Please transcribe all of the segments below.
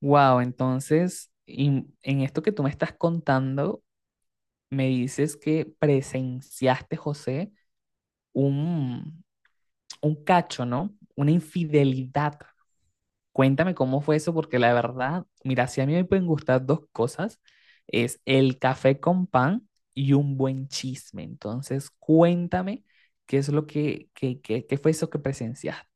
Wow, entonces, en esto que tú me estás contando, me dices que presenciaste, José, un, un cacho, ¿no? Una infidelidad. Cuéntame cómo fue eso, porque la verdad, mira, si a mí me pueden gustar dos cosas, es el café con pan y un buen chisme. Entonces, cuéntame qué es lo qué fue eso que presenciaste.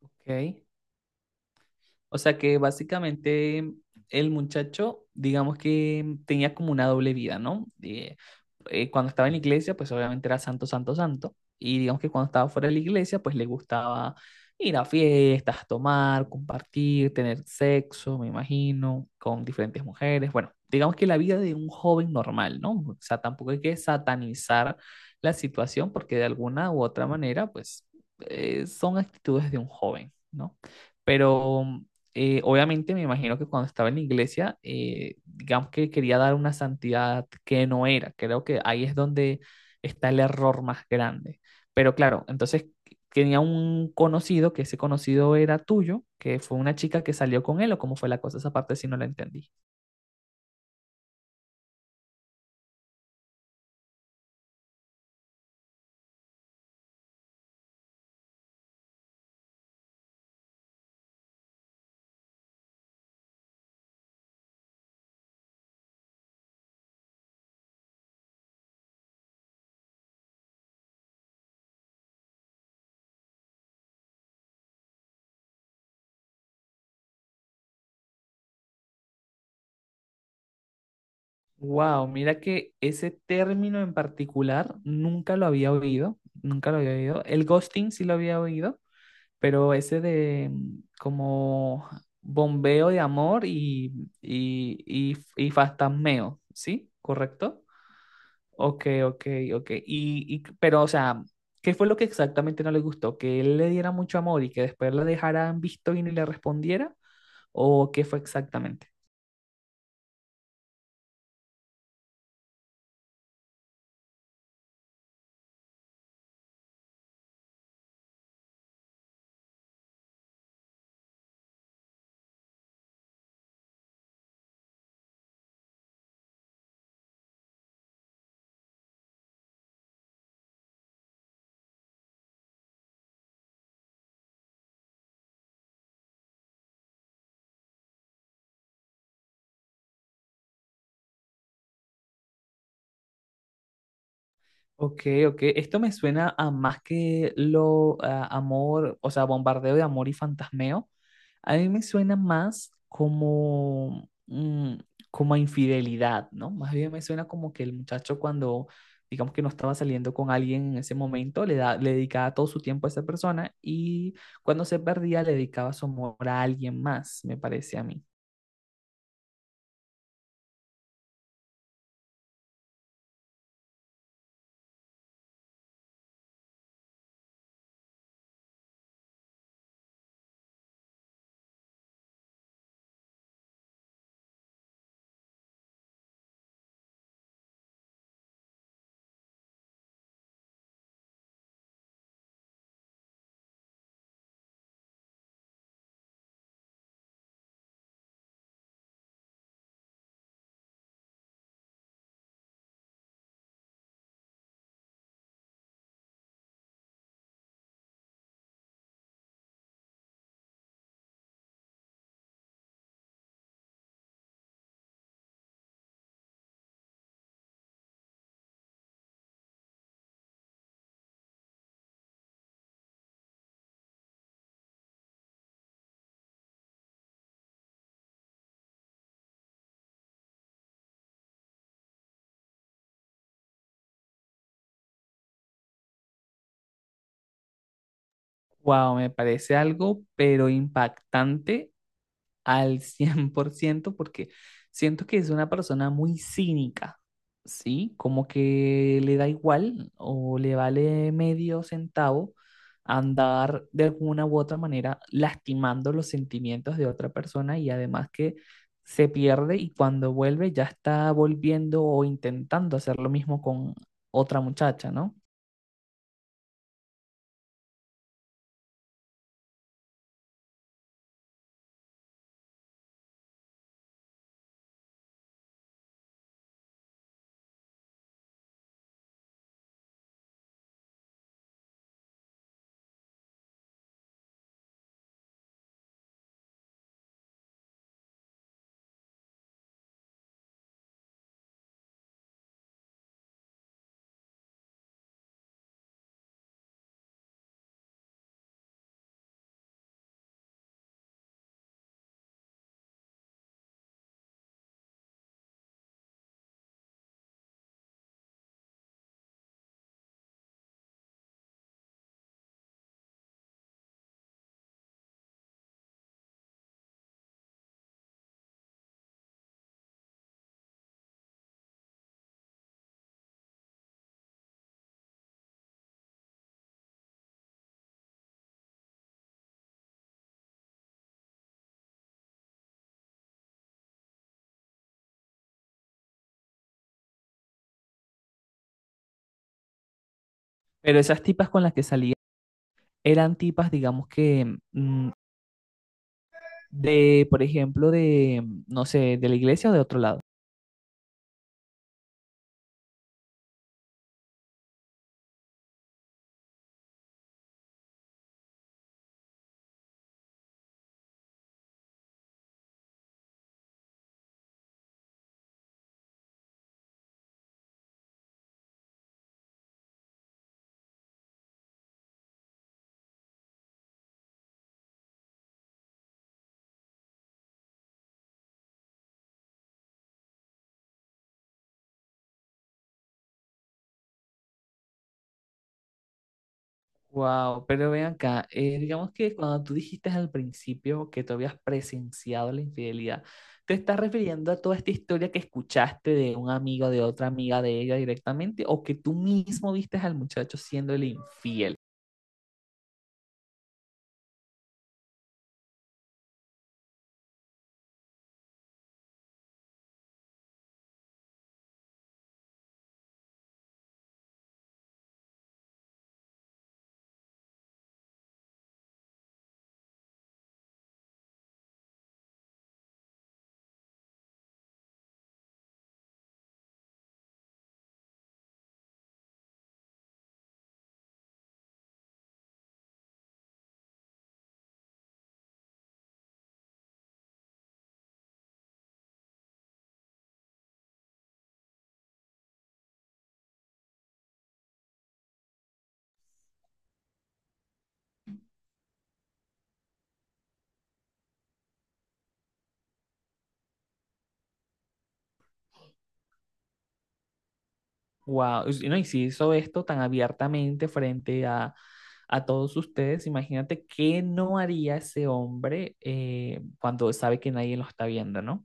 Ok. O sea que básicamente el muchacho, digamos que tenía como una doble vida, ¿no? Cuando estaba en la iglesia, pues obviamente era santo, santo, santo. Y digamos que cuando estaba fuera de la iglesia, pues le gustaba ir a fiestas, tomar, compartir, tener sexo, me imagino, con diferentes mujeres. Bueno, digamos que la vida de un joven normal, ¿no? O sea, tampoco hay que satanizar la situación porque de alguna u otra manera, pues son actitudes de un joven, ¿no? Pero obviamente me imagino que cuando estaba en la iglesia, digamos que quería dar una santidad que no era. Creo que ahí es donde está el error más grande. Pero claro, entonces tenía un conocido, que ese conocido era tuyo, que fue una chica que salió con él, o cómo fue la cosa, esa parte si no la entendí. Wow, mira que ese término en particular nunca lo había oído, nunca lo había oído. El ghosting sí lo había oído, pero ese de como bombeo de amor y fantasmeo, ¿sí? ¿Correcto? Ok, ok, ok. Pero, o sea, ¿qué fue lo que exactamente no le gustó? ¿Que él le diera mucho amor y que después la dejara en visto y ni le respondiera? ¿O qué fue exactamente? Ok, ok. Esto me suena a más que lo a amor, o sea, bombardeo de amor y fantasmeo. A mí me suena más como, como a infidelidad, ¿no? Más bien me suena como que el muchacho cuando, digamos que no estaba saliendo con alguien en ese momento, le dedicaba todo su tiempo a esa persona y cuando se perdía le dedicaba su amor a alguien más, me parece a mí. Wow, me parece algo, pero impactante al 100% porque siento que es una persona muy cínica, ¿sí? Como que le da igual o le vale medio centavo andar de alguna u otra manera lastimando los sentimientos de otra persona y además que se pierde y cuando vuelve ya está volviendo o intentando hacer lo mismo con otra muchacha, ¿no? Pero esas tipas con las que salía eran tipas, digamos que de, por ejemplo, de, no sé, de la iglesia o de otro lado. Wow, pero ven acá, digamos que cuando tú dijiste al principio que tú habías presenciado la infidelidad, ¿te estás refiriendo a toda esta historia que escuchaste de un amigo, de otra amiga de ella directamente, o que tú mismo viste al muchacho siendo el infiel? Wow, y, si, no, y si hizo esto tan abiertamente frente a todos ustedes, imagínate qué no haría ese hombre cuando sabe que nadie lo está viendo, ¿no?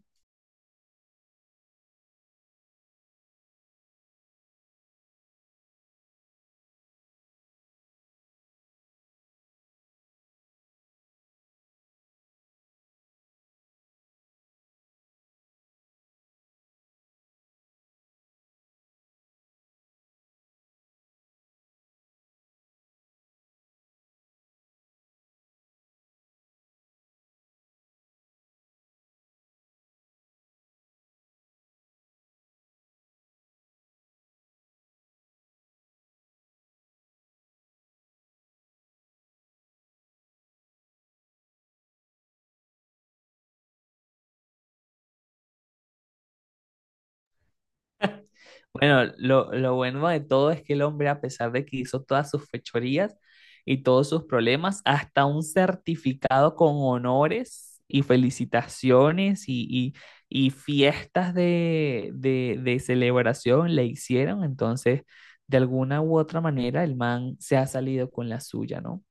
Bueno, lo bueno de todo es que el hombre, a pesar de que hizo todas sus fechorías y todos sus problemas, hasta un certificado con honores y felicitaciones y fiestas de celebración le hicieron. Entonces, de alguna u otra manera, el man se ha salido con la suya, ¿no?